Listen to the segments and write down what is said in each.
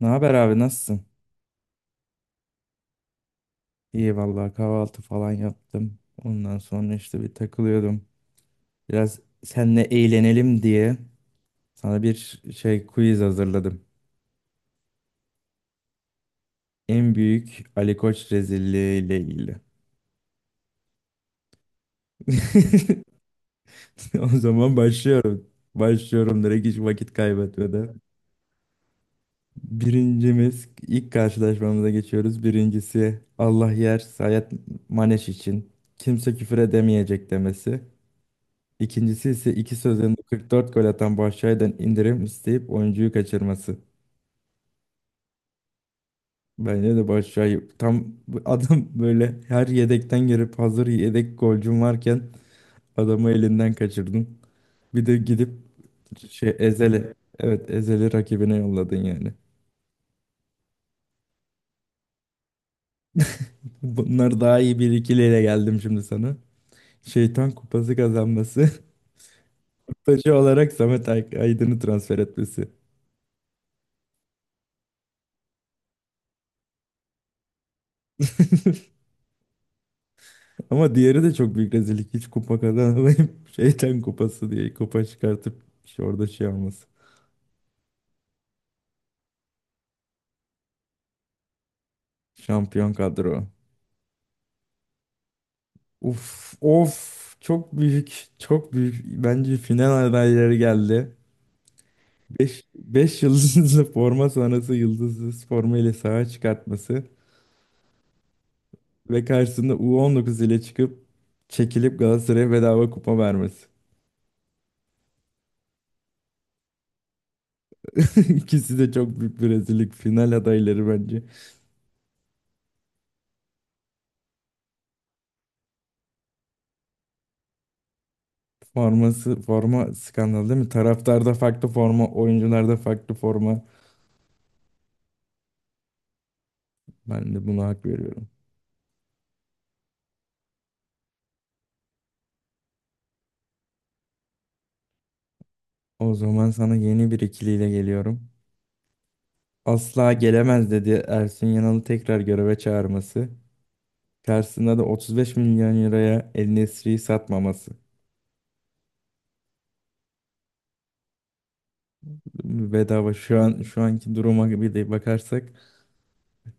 Ne haber abi nasılsın? İyi vallahi kahvaltı falan yaptım. Ondan sonra işte bir takılıyordum. Biraz seninle eğlenelim diye sana bir şey quiz hazırladım. En büyük Ali Koç rezilliği ile ilgili. O zaman başlıyorum. Başlıyorum direkt hiç vakit kaybetmeden. Birincimiz ilk karşılaşmamıza geçiyoruz. Birincisi Allah yer Sayet Maneş için. Kimse küfür edemeyecek demesi. İkincisi ise ikisi üzerinde 44 gol atan Başak'tan indirim isteyip oyuncuyu kaçırması. Bence de Başak'ı tam bu adam böyle her yedekten girip hazır yedek golcüm varken adamı elinden kaçırdın. Bir de gidip şey Ezeli. Evet Ezeli rakibine yolladın yani. Bunlar daha iyi bir ikiliyle geldim şimdi sana. Şeytan kupası kazanması. Taşı olarak Aydın'ı transfer etmesi. Ama diğeri de çok büyük rezillik. Hiç kupa kazanamayıp şeytan kupası diye kupa çıkartıp işte orada şey olması. Şampiyon kadro. Uf of, çok büyük çok büyük. Bence final adayları geldi. Beş yıldızlı forma sonrası yıldızsız forma ile sahaya çıkartması ve karşısında U19 ile çıkıp çekilip Galatasaray'a bedava kupa vermesi. İkisi de çok büyük bir rezillik. Final adayları bence. Forması, forma skandalı değil mi? Taraftarda farklı forma, oyuncularda farklı forma. Ben de buna hak veriyorum. O zaman sana yeni bir ikiliyle geliyorum. Asla gelemez dedi Ersun Yanal'ı tekrar göreve çağırması. Karşısında da 35 milyon liraya El Nesri'yi satmaması. Bedava şu anki duruma bir de bakarsak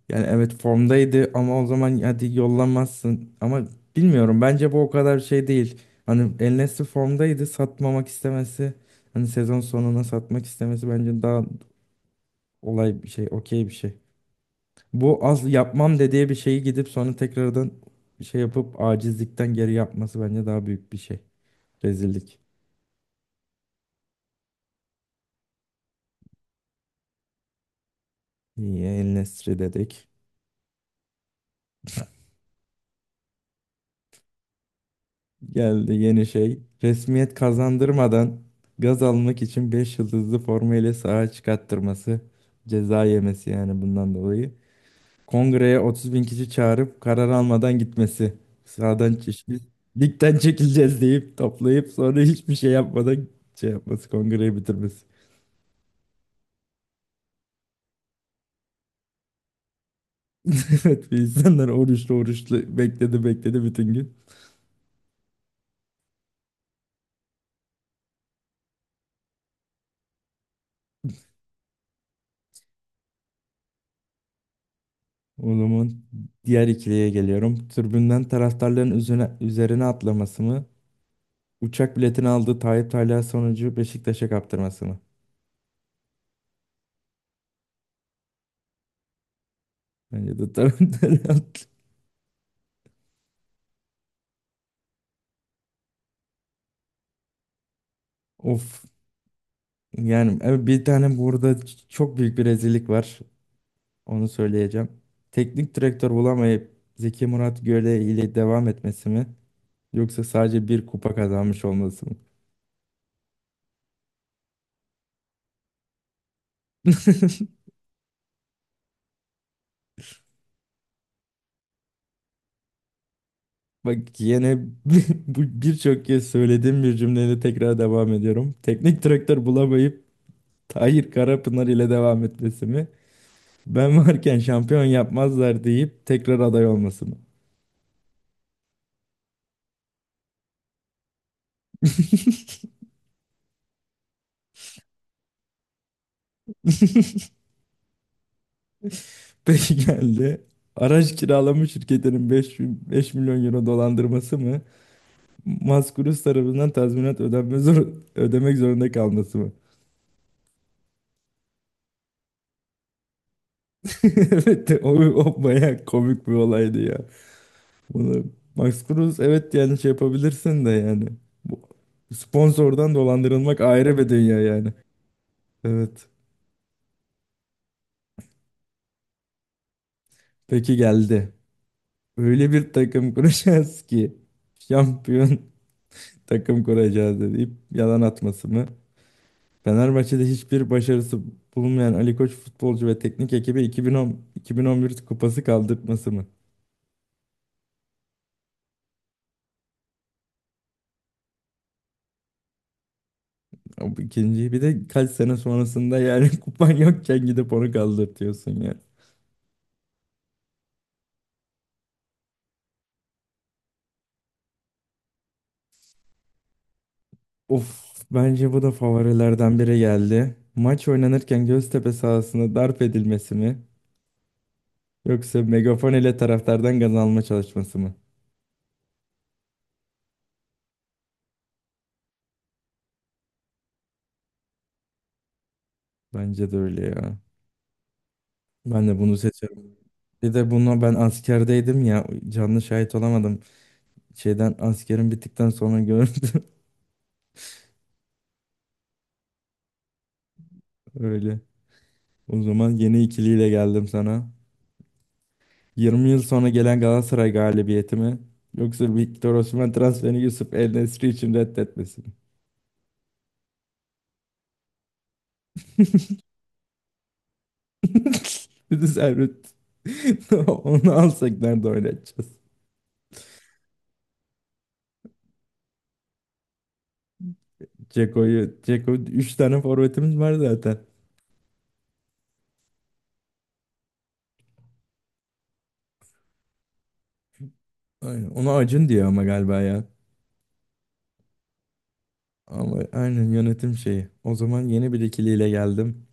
yani evet formdaydı ama o zaman hadi yollamazsın. Ama bilmiyorum, bence bu o kadar şey değil. Hani El Nesri formdaydı satmamak istemesi. Hani sezon sonuna satmak istemesi bence daha olay bir şey, okey bir şey. Bu az yapmam dediği bir şeyi gidip sonra tekrardan şey yapıp acizlikten geri yapması bence daha büyük bir şey. Rezillik. İyi, El Nesri dedik. Geldi yeni şey. Resmiyet kazandırmadan gaz almak için 5 yıldızlı forma ile sahaya çıkarttırması. Ceza yemesi yani bundan dolayı. Kongreye 30 bin kişi çağırıp karar almadan gitmesi. Sahadan çeşitli, ligden çekileceğiz deyip toplayıp sonra hiçbir şey yapmadan şey yapması. Kongreyi bitirmesi. Evet, insanlar oruçlu oruçlu bekledi bekledi bütün gün. O zaman diğer ikiliye geliyorum. Tribünden taraftarların üzerine atlaması mı? Uçak biletini aldığı Tayyip Talha sonucu Beşiktaş'a kaptırması mı? Bence de taraftarı haklı. Of. Yani evet, bir tane burada çok büyük bir rezillik var. Onu söyleyeceğim. Teknik direktör bulamayıp Zeki Murat Göle ile devam etmesi mi? Yoksa sadece bir kupa kazanmış olması mı? Bak yine bu birçok kez söylediğim bir cümleyle tekrar devam ediyorum. Teknik direktör bulamayıp Tahir Karapınar ile devam etmesi mi? Ben varken şampiyon yapmazlar deyip tekrar aday olması mı? Peki geldi. Araç kiralama şirketinin 5 milyon euro dolandırması mı? Maskurus tarafından tazminat ödemek zorunda kalması mı? Evet, o bayağı komik bir olaydı ya. Bunu Max Cruz, evet, yani şey yapabilirsin de yani. Bu sponsordan dolandırılmak ayrı bir dünya yani. Evet. Peki geldi. Öyle bir takım kuracağız ki şampiyon takım kuracağız deyip yalan atması mı? Fenerbahçe'de hiçbir başarısı bulunmayan Ali Koç futbolcu ve teknik ekibi 2010 2011 kupası kaldırtması mı? Ya bu ikinciyi bir de kaç sene sonrasında yani kupan yokken gidip onu kaldırtıyorsun ya. Of, bence bu da favorilerden biri geldi. Maç oynanırken Göztepe sahasında darp edilmesi mi? Yoksa megafon ile taraftardan gaz alma çalışması mı? Bence de öyle ya. Ben de bunu seçerim. Bir de bunu ben askerdeydim ya, canlı şahit olamadım. Şeyden askerim bittikten sonra gördüm öyle. O zaman yeni ikiliyle geldim sana. 20 yıl sonra gelen Galatasaray galibiyeti mi? Yoksa Victor Osimhen transferini Yusuf El-Nesri için reddetmesi mi? Bir de Servet. Onu alsak nerede oynatacağız? Ceko'yu, Ceko, 3 tane forvetimiz var zaten. Aynen. Ona Acun diyor ama galiba ya. Ama aynen yönetim şeyi. O zaman yeni bir ikiliyle geldim.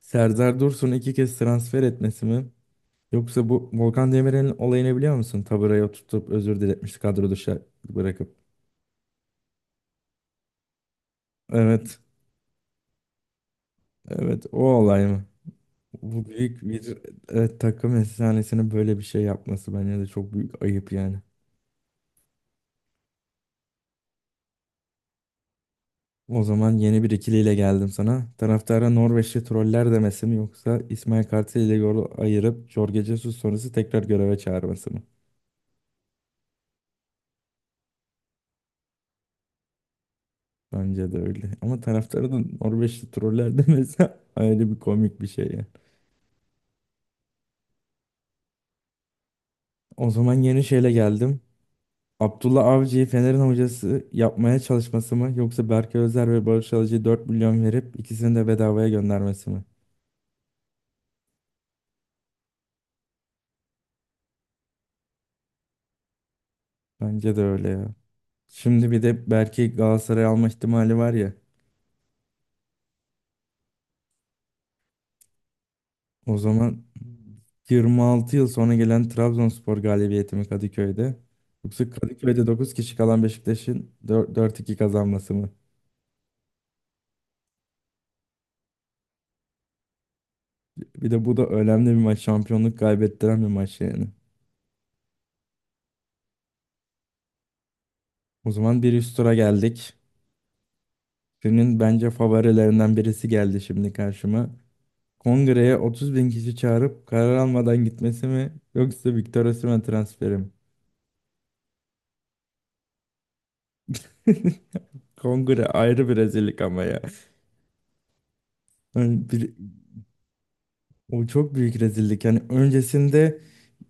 Serdar Dursun 2 kez transfer etmesi mi? Yoksa bu Volkan Demirel'in olayını biliyor musun? Taburaya tutup özür diletmişti kadro dışı bırakıp. Evet. Evet, o olay mı? Bu büyük bir, takım efsanesinin böyle bir şey yapması bence de çok büyük ayıp yani. O zaman yeni bir ikiliyle geldim sana. Taraftara Norveçli troller demesi mi yoksa İsmail Kartal ile yolu ayırıp Jorge Jesus sonrası tekrar göreve çağırması mı? Bence de öyle. Ama taraftarı da Norveçli troller de mesela ayrı bir komik bir şey yani. O zaman yeni şeyle geldim. Abdullah Avcı'yı Fener'in hocası yapmaya çalışması mı yoksa Berkay Özer ve Barış Alıcı'ya 4 milyon verip ikisini de bedavaya göndermesi mi? Bence de öyle ya. Şimdi bir de Berkay Galatasaray'a alma ihtimali var ya. O zaman 26 yıl sonra gelen Trabzonspor galibiyeti mi Kadıköy'de? Yoksa Kadıköy'de 9 kişi kalan Beşiktaş'ın 4-2 kazanması mı? Bir de bu da önemli bir maç. Şampiyonluk kaybettiren bir maç yani. O zaman bir üst tura geldik. Günün bence favorilerinden birisi geldi şimdi karşıma. Kongreye 30 bin kişi çağırıp karar almadan gitmesi mi yoksa Victor Osimhen transferi mi? Kongre ayrı bir rezillik ama ya. Yani bir, o çok büyük rezillik. Yani öncesinde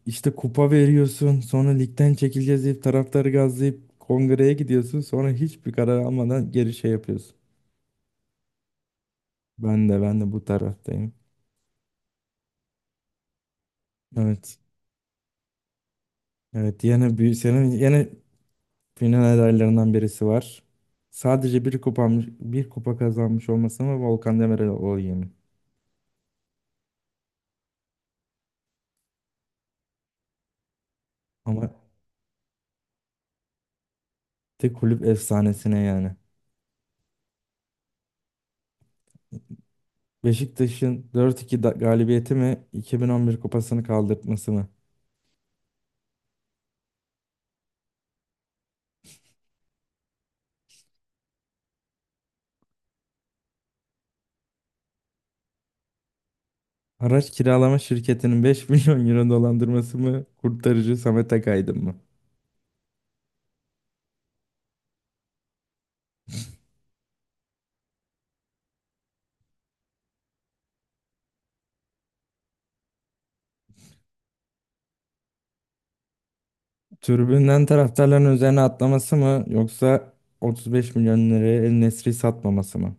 işte kupa veriyorsun, sonra ligden çekileceğiz deyip taraftarı gazlayıp kongreye gidiyorsun, sonra hiçbir karar almadan geri şey yapıyorsun. Ben de bu taraftayım. Evet. Evet. Yine bir senin yine final adaylarından birisi var. Sadece bir kupanmış, bir kupa kazanmış olması mı, Volkan Demirel olayı mı? Ama de kulüp efsanesine yani. Beşiktaş'ın 4-2 galibiyeti mi, 2011 kupasını kaldırtması mı? Araç kiralama şirketinin 5 milyon euro dolandırması mı? Kurtarıcı Samet Akaydın mı? Tribünden taraftarların üzerine atlaması mı yoksa 35 milyon liraya El Nesri satmaması mı?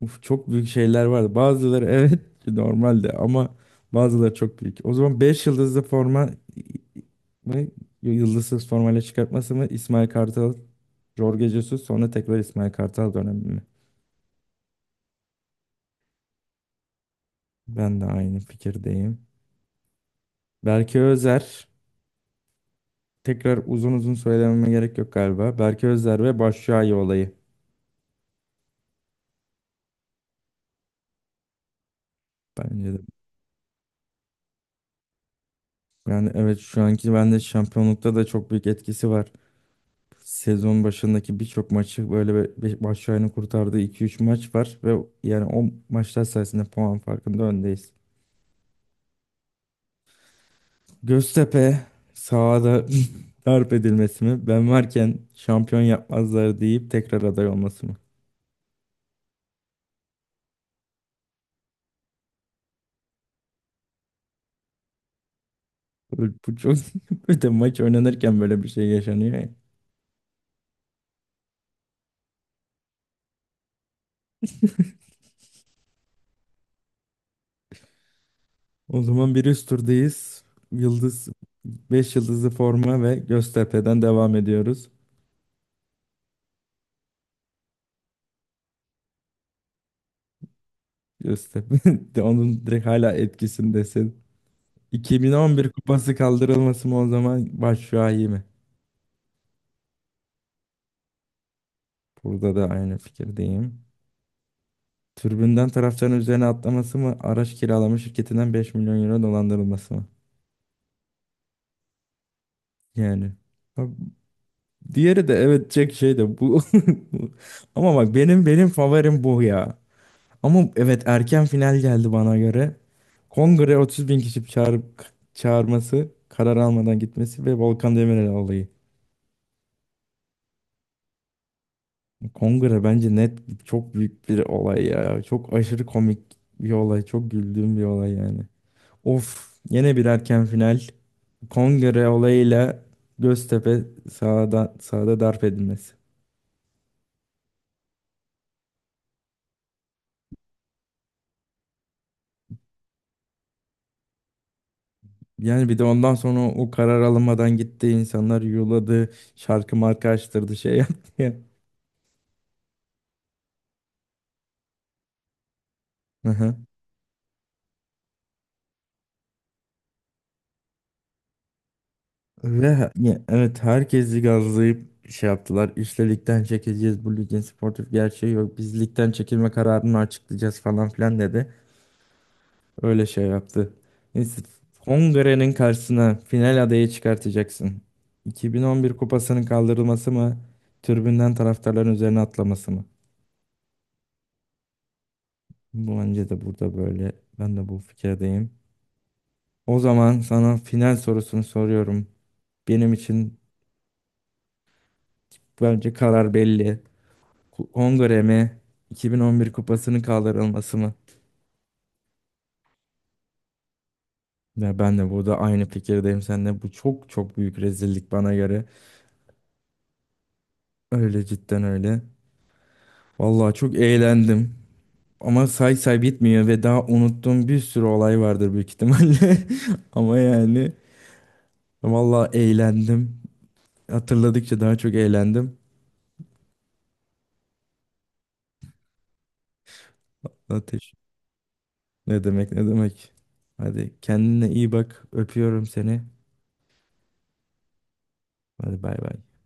Uf, çok büyük şeyler vardı. Bazıları evet normaldi ama bazıları çok büyük. O zaman 5 yıldızlı forma mı, yıldızsız formayla çıkartması mı, İsmail Kartal, Jorge Jesus sonra tekrar İsmail Kartal dönemi mi? Ben de aynı fikirdeyim. Berke Özer, tekrar uzun uzun söylememe gerek yok galiba. Berke Özer ve Başşuayi olayı. Bence de. Yani evet, şu anki bende şampiyonlukta da çok büyük etkisi var. Sezon başındaki birçok maçı böyle be- be- baş aynı kurtardığı 2-3 maç var ve yani o maçlar sayesinde puan farkında öndeyiz. Göztepe sahada darp edilmesi mi? Ben varken şampiyon yapmazlar deyip tekrar aday olması mı? Bu çok bir de maç oynanırken böyle bir şey yaşanıyor ya. O zaman bir üst turdayız. Yıldız 5 yıldızlı forma ve Göztepe'den devam ediyoruz. Göztepe de, onun direkt hala etkisindesin. 2011 kupası kaldırılması mı, o zaman başşuayi mi? Burada da aynı fikirdeyim. Türbünden taraftarın üzerine atlaması mı? Araç kiralama şirketinden 5 milyon euro dolandırılması mı? Yani. Ha, diğeri de evet çek şey de bu. Ama bak benim favorim bu ya. Ama evet, erken final geldi bana göre. Kongre 30 bin kişi çağırıp çağırması, karar almadan gitmesi ve Volkan Demirel olayı. Kongre bence net çok büyük bir olay ya. Çok aşırı komik bir olay. Çok güldüğüm bir olay yani. Of, yine bir erken final. Kongre olayıyla Göztepe sahada darp edilmesi. Yani bir de ondan sonra o karar alınmadan gitti. İnsanlar yuladı. Şarkı marka açtırdı, şey yaptı ya. Aha. Ve ya, evet, herkesi gazlayıp şey yaptılar. İşte ligden çekeceğiz, bu ligin sportif gerçeği yok, biz ligden çekilme kararını açıklayacağız falan filan dedi. Öyle şey yaptı. Neyse. Hongre'nin karşısına final adayı çıkartacaksın. 2011 kupasının kaldırılması mı? Tribünden taraftarların üzerine atlaması mı? Bu bence de burada böyle. Ben de bu fikirdeyim. O zaman sana final sorusunu soruyorum. Benim için bence karar belli. Hongre mi? 2011 kupasının kaldırılması mı? Ya ben de burada aynı fikirdeyim seninle. Bu çok çok büyük rezillik bana göre. Öyle cidden, öyle. Vallahi çok eğlendim. Ama say say bitmiyor ve daha unuttuğum bir sürü olay vardır büyük ihtimalle. Ama yani, valla eğlendim. Hatırladıkça daha çok eğlendim. Ateş. Ne demek, ne demek. Hadi kendine iyi bak. Öpüyorum seni. Hadi bay bay.